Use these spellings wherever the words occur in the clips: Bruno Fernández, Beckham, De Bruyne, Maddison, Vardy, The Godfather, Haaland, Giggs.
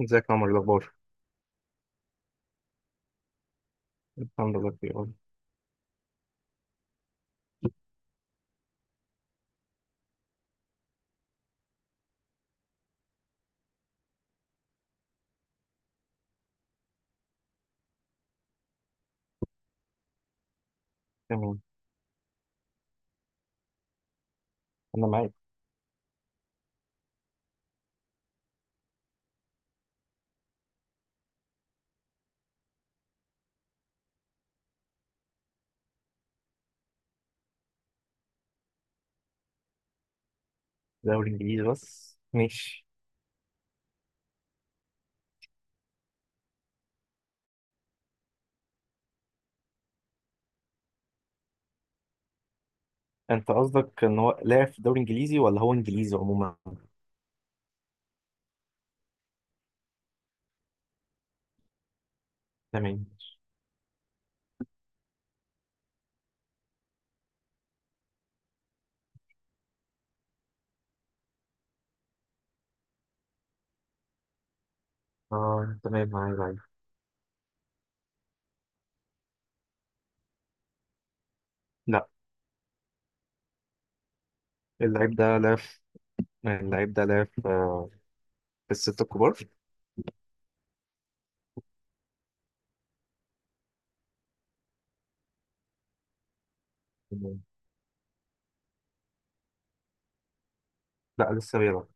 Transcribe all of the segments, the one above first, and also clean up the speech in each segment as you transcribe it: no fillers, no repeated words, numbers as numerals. ازيك يا عمر؟ إيه الاخبار؟ الحمد لله بخير والله. تمام. انا معاك. دوري انجليزي بس، ماشي. انت قصدك ان هو لاعب في دوري انجليزي ولا هو انجليزي عموما؟ تمام. اه، تمام، معايا معايا. لا، اللعيب ده لاعب في- اللعيب ده لاعب في في الستة الكبار. تمام. لا، لسه بيلعب.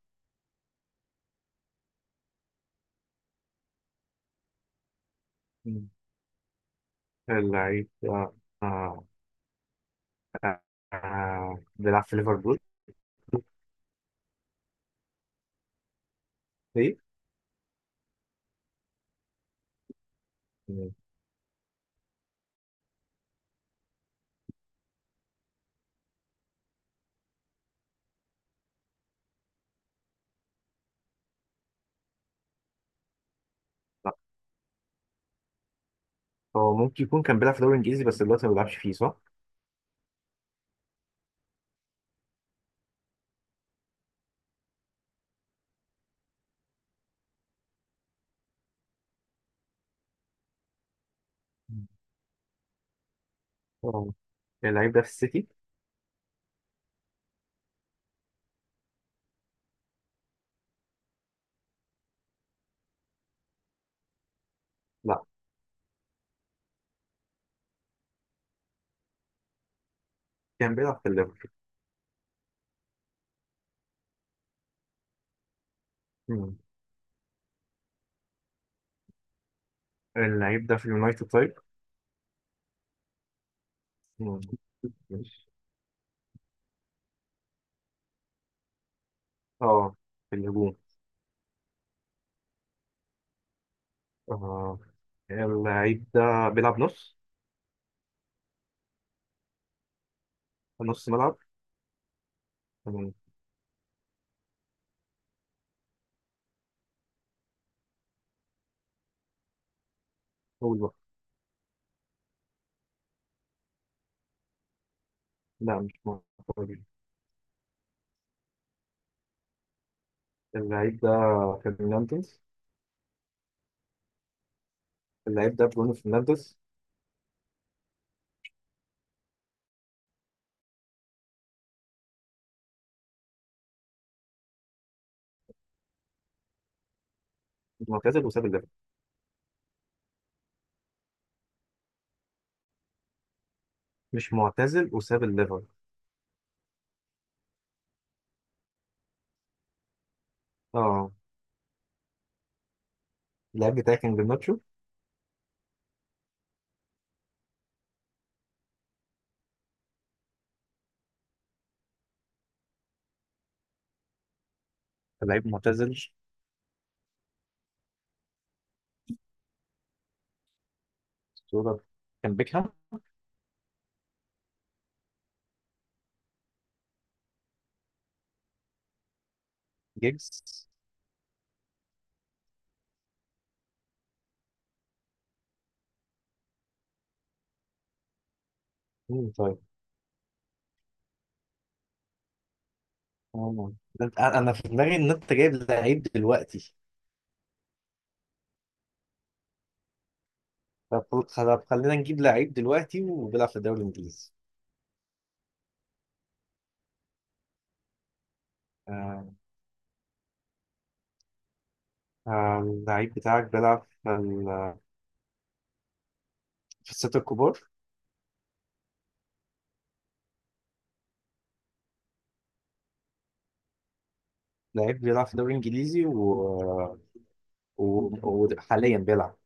مم. اللعيب ده آه، آه، بيلعب في ليفربول. ايه. تمام. لا، هو ممكن يكون كان بيلعب في دوري انجليزي، بس دلوقتي ما بيلعبش فيه، صح؟ مم. اه، اللعيب ده في السيتي؟ لا. كان بيلعب في الليفر. مم. اللعيب ده في اليونايتد، طيب. مم. ماشي. اه، في الهجوم. اه، اللعيب ده بيلعب نص ملعب. مم. قول بقى. لا، مش معترض. اللعيب ده فرنانديز. اللعيب ده برونو فرنانديز. معتزل وساب الليفر. مش معتزل وساب الليفر. اه، اللعيب بتاعي كان جرناتشو. اللعيب معتزل. صورة. كان بيكهام. جيجز. مم، طيب. آه. انا في دماغي ان انت جايب لعيب دلوقتي. طب طب، خلينا نجيب لعيب دلوقتي وبيلعب في الدوري الانجليزي. آه، اللعيب بتاعك بيلعب في في الستة الكبار. لعيب بيلعب في الدوري الانجليزي و... وحاليا بيلعب.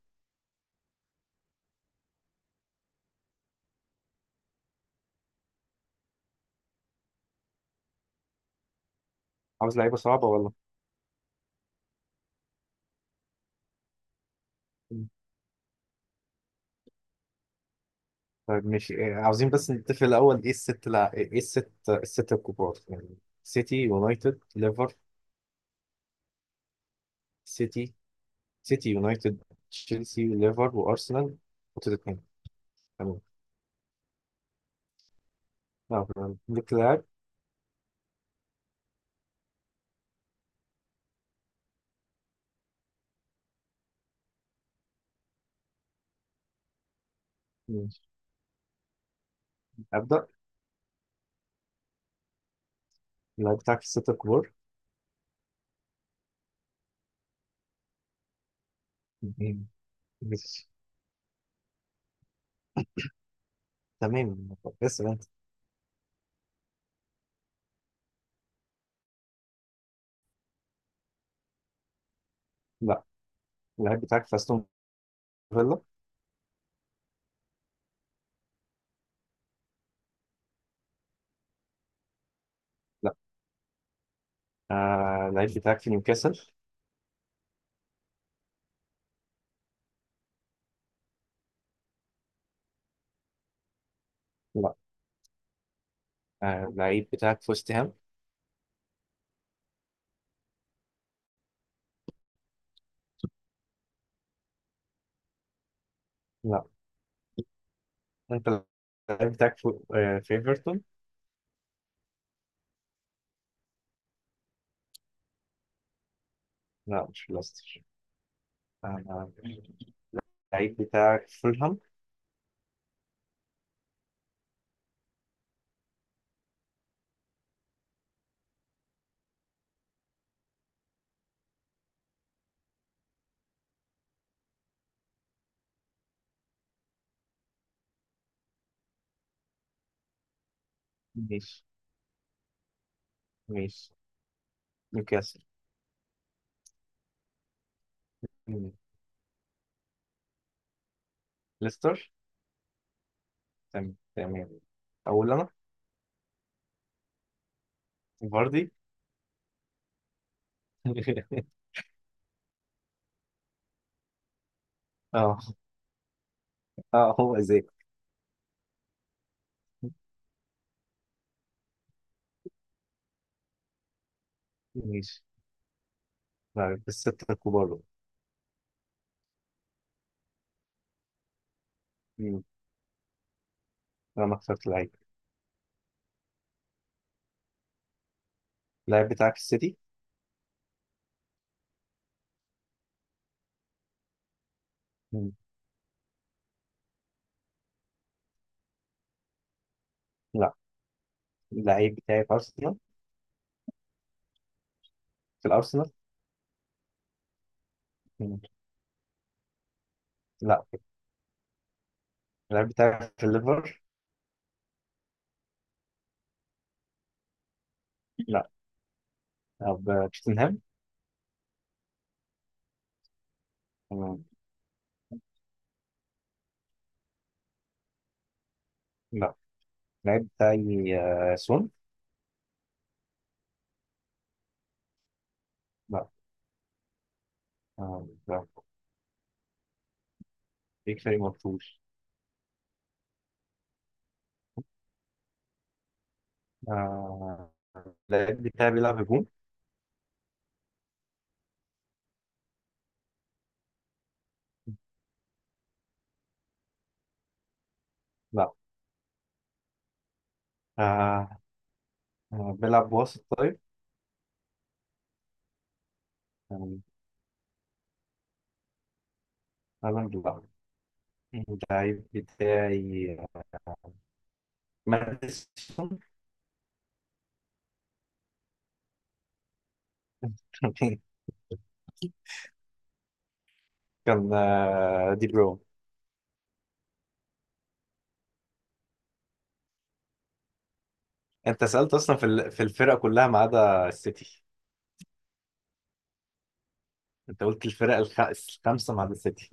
عاوز لعيبه صعبه ولا؟ طيب، ماشي. إيه، عاوزين بس نتفق الاول. ايه الستة الكبار يعني؟ سيتي، يونايتد، ليفر. سيتي. سيتي، يونايتد، تشيلسي، ليفر، وارسنال، وتوتنهام. تمام. ليك لاعب. ماشي. ابدا. اللاعب بتاعك في الستة الكبار؟ مش. تمام. بس انت. لا، اللعيب بتاعك في استون فيلا. لا. اللعيب بتاعك في نيوكاسل. لا. اللعيب بتاعك في وست هام. لا، انت. اللعيب بتاعك في ايفرتون. لا، مش في ليستر. آه اللعيب بتاعك في فولهام. مش مش نيوكاسل. مم. ليستر. تمام تمام. اقول انا. فاردي. اه اه، هو ازاي؟ ماشي. لا، بالستة الكبار دول. مم. انا ما اخترت اللعيب. اللعيب بتاعك في السيتي. مم. لا. اللعيب بتاعي في أرسنال. في الأرسنال. مم. لا، اللعيب بتاعي في الليفر. لا. طب، توتنهام. مم. لا، اللعيب بتاعي سون. لا. لا. بيك فريق مرفوض. آه، اللعيب بتاعي بيلعب هجوم. لا. آه، بيلعب وسط، طيب. مم. هالاند؟ لا. اللعيب بتاعي ماديسون. كان دي بروين. انت سألت اصلا في في الفرقة كلها ما عدا السيتي. انت قلت الفرق الخمسه مع السيتي.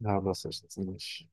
لا، بس. ماشي.